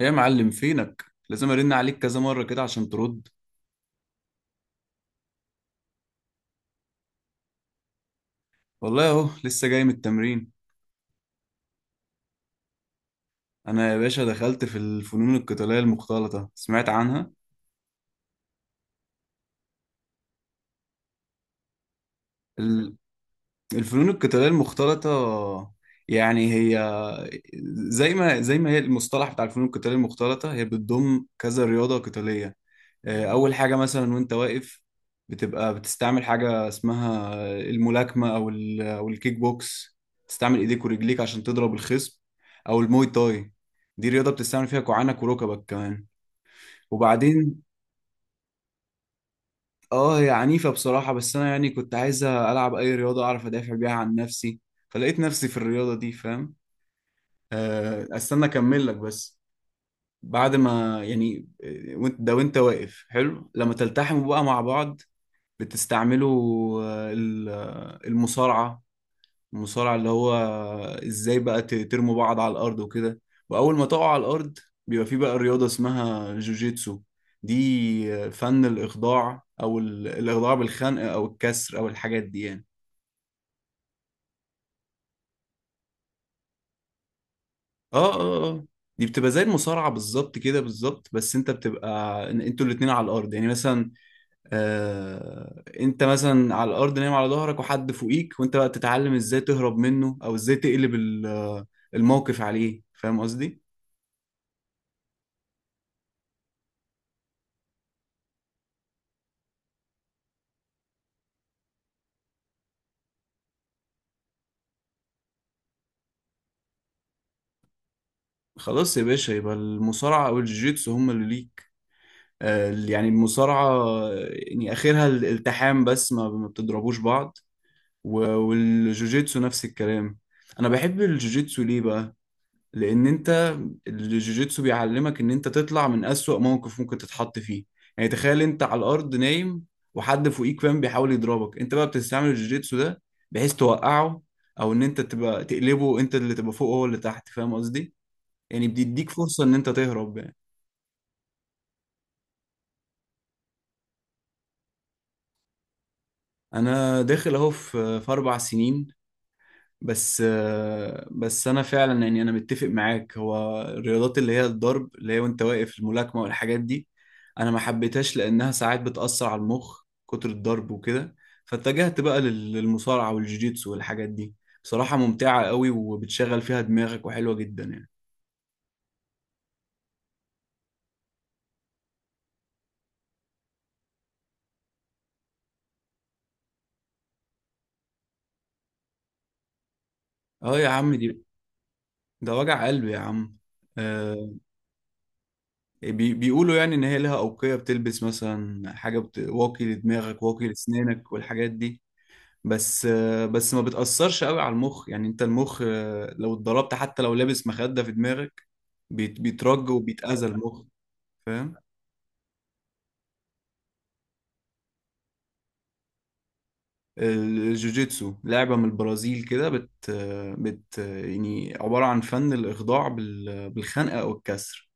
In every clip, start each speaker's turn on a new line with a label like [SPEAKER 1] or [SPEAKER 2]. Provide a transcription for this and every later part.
[SPEAKER 1] ايه يا معلم، فينك؟ لازم ارن عليك كذا مره كده عشان ترد. والله اهو لسه جاي من التمرين. انا يا باشا دخلت في الفنون القتاليه المختلطه، سمعت عنها؟ ال- الفنون القتاليه المختلطه يعني هي، زي ما هي المصطلح بتاع الفنون القتاليه المختلطه هي بتضم كذا رياضه قتاليه. اول حاجه مثلا وانت واقف بتبقى بتستعمل حاجه اسمها الملاكمه او او الكيك بوكس، تستعمل ايديك ورجليك عشان تضرب الخصم، او الموي تاي، دي رياضه بتستعمل فيها كوعانك وركبك كمان. وبعدين اه هي عنيفه بصراحه، بس انا يعني كنت عايز العب اي رياضه اعرف ادافع بيها عن نفسي، فلقيت نفسي في الرياضه دي. فاهم؟ استنى اكمل لك بس. بعد ما يعني ده وانت واقف حلو لما تلتحموا بقى مع بعض بتستعمله، المصارعة، المصارعة اللي هو ازاي بقى ترموا بعض على الأرض وكده. وأول ما تقعوا على الأرض بيبقى في بقى رياضة اسمها جوجيتسو. دي فن الإخضاع أو الإخضاع بالخنق أو الكسر أو الحاجات دي يعني. اه اه اه، دي بتبقى زي المصارعة بالظبط كده بالظبط، بس انت بتبقى انتوا الاتنين على الأرض، يعني مثلا انت مثلا على الارض نايم على ظهرك وحد فوقيك وانت بقى بتتعلم ازاي تهرب منه او ازاي تقلب الموقف عليه. فاهم قصدي؟ خلاص يا باشا، يبقى المصارعة او الجيتسو هم اللي ليك. يعني المصارعة يعني اخرها الالتحام بس ما بتضربوش بعض. والجوجيتسو نفس الكلام. انا بحب الجوجيتسو ليه بقى؟ لان انت الجوجيتسو بيعلمك ان انت تطلع من اسوأ موقف ممكن تتحط فيه. يعني تخيل انت على الارض نايم وحد فوقيك فاهم بيحاول يضربك، انت بقى بتستعمل الجوجيتسو ده بحيث توقعه، او ان انت تبقى تقلبه، انت اللي تبقى فوق هو اللي تحت. فاهم قصدي؟ يعني بيديك فرصة ان انت تهرب يعني. انا داخل اهو في اربع سنين بس. بس انا فعلا يعني انا متفق معاك، هو الرياضات اللي هي الضرب اللي هي وانت واقف الملاكمه والحاجات دي، انا ما حبيتهاش لانها ساعات بتاثر على المخ، كتر الضرب وكده. فاتجهت بقى للمصارعه والجوجيتسو والحاجات دي. بصراحه ممتعه قوي وبتشغل فيها دماغك وحلوه جدا يعني. اه يا عم دي، ده وجع قلب يا عم. آه. بيقولوا يعني ان هي لها اوقيه، بتلبس مثلا حاجه واقي لدماغك، واقي لسنانك والحاجات دي. بس ما بتأثرش قوي على المخ، يعني انت المخ لو اتضربت حتى لو لابس مخدة في دماغك بيترج وبيتأذى المخ. فاهم؟ الجوجيتسو لعبة من البرازيل كده بت بت يعني عبارة عن فن الإخضاع بالخنقة أو الكسر.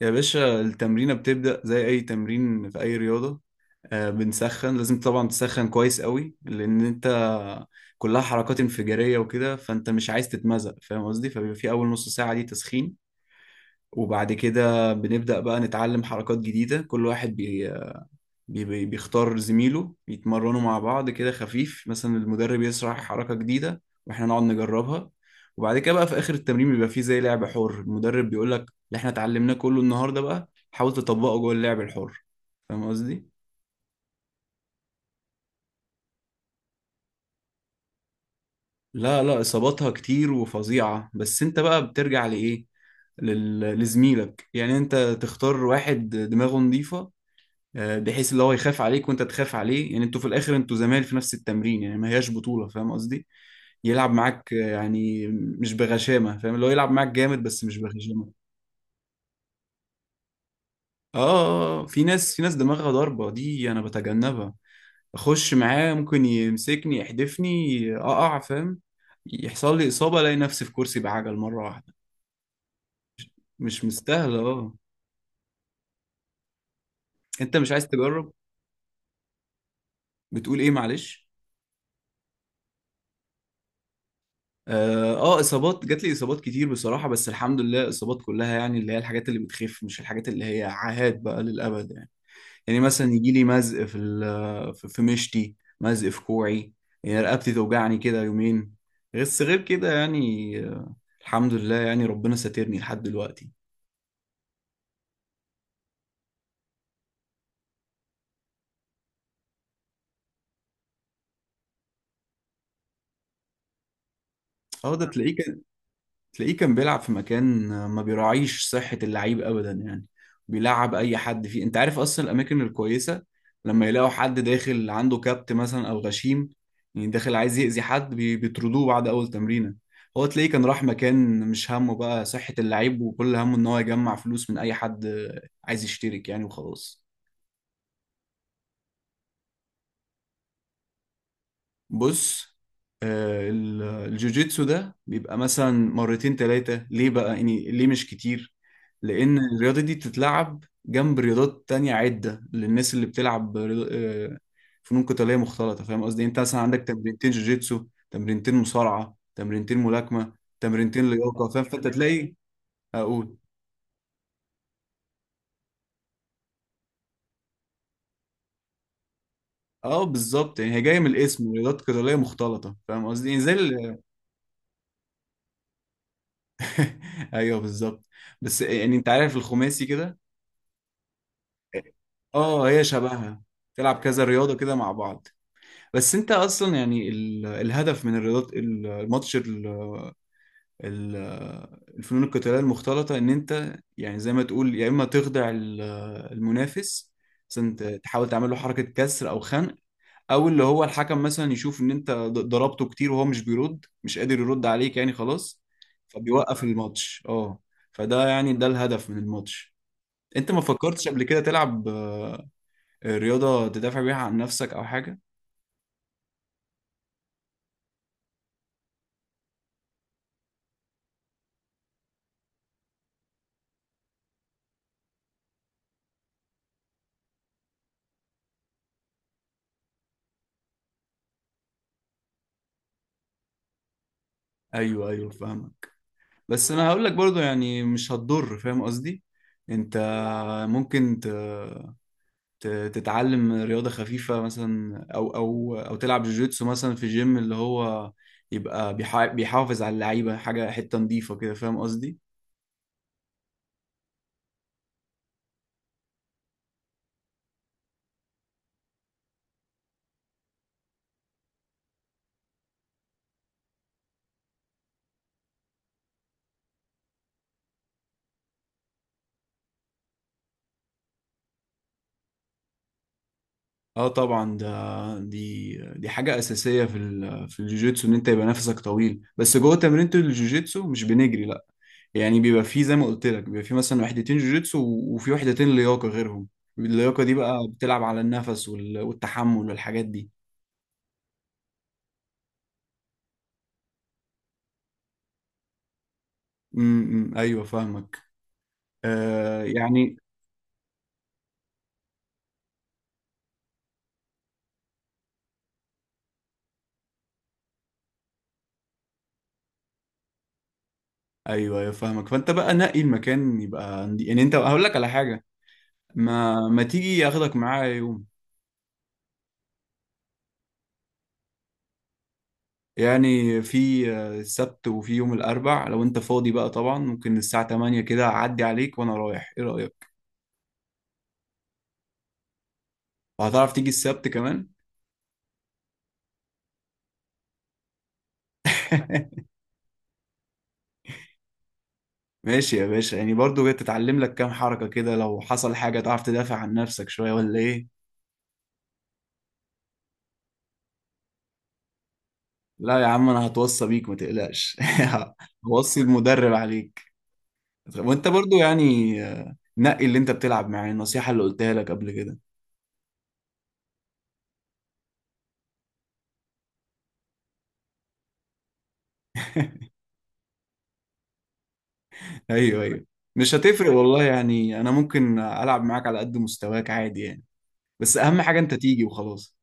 [SPEAKER 1] يا باشا التمرينة بتبدأ زي أي تمرين في أي رياضة. بنسخن، لازم طبعا تسخن كويس قوي لأن أنت كلها حركات انفجارية وكده فأنت مش عايز تتمزق، فاهم قصدي؟ فبيبقى في أول نص ساعة دي تسخين. وبعد كده بنبدأ بقى نتعلم حركات جديدة، كل واحد بيختار زميله يتمرنوا مع بعض كده خفيف، مثلا المدرب يشرح حركة جديدة واحنا نقعد نجربها. وبعد كده بقى في آخر التمرين بيبقى فيه زي لعب حر، المدرب بيقول لك اللي احنا اتعلمناه كله النهارده بقى حاول تطبقه جوه اللعب الحر. فاهم قصدي؟ لا لا، إصاباتها كتير وفظيعة. بس انت بقى بترجع لإيه؟ لزميلك، يعني انت تختار واحد دماغه نظيفة، بحيث اللي هو يخاف عليك وانت تخاف عليه. يعني انتوا في الاخر انتوا زمايل في نفس التمرين يعني ما هياش بطولة. فاهم قصدي؟ يلعب معاك يعني مش بغشامه، فاهم؟ اللي هو يلعب معاك جامد بس مش بغشامه. اه، في ناس، دماغها ضاربه دي انا بتجنبها. اخش معاه ممكن يمسكني يحدفني اقع، فاهم؟ يحصل لي اصابه الاقي نفسي في كرسي بعجل مره واحده. مش مستاهله. اه. انت مش عايز تجرب. بتقول ايه معلش؟ اه، اصابات جات لي اصابات كتير بصراحه، بس الحمد لله الاصابات كلها يعني اللي هي الحاجات اللي بتخف، مش الحاجات اللي هي عاهات بقى للابد يعني. يعني مثلا يجي لي مزق في مشتي، مزق في كوعي، يعني رقبتي توجعني كده يومين. بس غير كده يعني الحمد لله، يعني ربنا ساترني لحد دلوقتي. اه ده تلاقيه كان بيلعب في مكان ما بيراعيش صحة اللعيب أبدا يعني، بيلعب أي حد فيه. أنت عارف أصلا الأماكن الكويسة لما يلاقوا حد داخل عنده كبت مثلا أو غشيم، يعني داخل عايز يأذي حد، بيطردوه بعد أول تمرينة. هو تلاقيه كان راح مكان مش همه بقى صحة اللعيب، وكل همه إن هو يجمع فلوس من أي حد عايز يشترك يعني وخلاص. بص، الجوجيتسو ده بيبقى مثلا مرتين ثلاثة، ليه بقى يعني ليه مش كتير؟ لأن الرياضة دي بتتلعب جنب رياضات تانية عدة للناس اللي بتلعب فنون قتالية مختلطة. فاهم قصدي؟ انت مثلا عندك تمرينتين جوجيتسو، تمرينتين مصارعة، تمرينتين ملاكمة، تمرينتين لياقة، فاهم؟ فانت تلاقي... اقول اه بالظبط، يعني هي جاية من الاسم رياضات قتالية مختلطة، فاهم قصدي؟ يعني زي ايوه بالظبط. بس يعني انت عارف الخماسي كده. اه هي شبهها، تلعب كذا رياضة كده مع بعض. بس انت اصلا يعني الهدف من الرياضات، الماتش، ال- الفنون القتالية المختلطة، ان انت يعني زي ما تقول يا اما تخدع المنافس، مثلا تحاول تعمل له حركة كسر او خنق، او اللي هو الحكم مثلا يشوف ان انت ضربته كتير وهو مش بيرد، مش قادر يرد عليك يعني خلاص، فبيوقف الماتش. اه، فده يعني ده الهدف من الماتش. انت ما فكرتش قبل كده تلعب رياضة تدافع بيها عن نفسك أو حاجة؟ أيوه أيوه فاهمك. بس أنا هقول لك برضو يعني مش هتضر، فاهم قصدي؟ أنت ممكن تتعلم رياضة خفيفة مثلا، أو تلعب جوجيتسو مثلا في جيم اللي هو يبقى بيحافظ على اللعيبة، حاجة حتة نظيفة كده، فاهم قصدي؟ اه طبعا ده دي دي حاجه اساسيه في الجوجيتسو، ان انت يبقى نفسك طويل، بس جوه تمرينة الجوجيتسو مش بنجري لا. يعني بيبقى فيه زي ما قلت لك بيبقى فيه مثلا وحدتين جوجيتسو وفي وحدتين لياقه غيرهم. اللياقه دي بقى بتلعب على النفس والتحمل والحاجات دي. ايوه فاهمك. يعني... ايوه ايوه فاهمك، فانت بقى نقي المكان، يبقى يعني انت هقول لك على حاجه: ما تيجي اخدك معايا يوم؟ يعني في السبت وفي يوم الأربع، لو أنت فاضي بقى طبعا ممكن الساعة 8 كده أعدي عليك وأنا رايح. إيه رأيك؟ وهتعرف تيجي السبت كمان؟ ماشي يا باشا، يعني برضو تتعلم لك كام حركة كده، لو حصل حاجة تعرف تدافع عن نفسك شوية، ولا إيه؟ لا يا عم، أنا هتوصى بيك ما تقلقش. هوصي المدرب عليك. وأنت برضو يعني نقي اللي أنت بتلعب معاه، النصيحة اللي قلتها لك قبل كده. أيوه أيوه، مش هتفرق والله يعني، أنا ممكن ألعب معاك على قد مستواك عادي يعني. بس اهم حاجة انت تيجي وخلاص.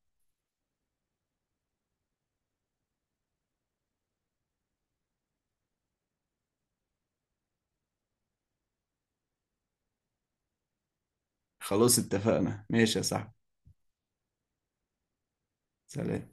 [SPEAKER 1] خلاص اتفقنا، ماشي يا صاحبي. سلام.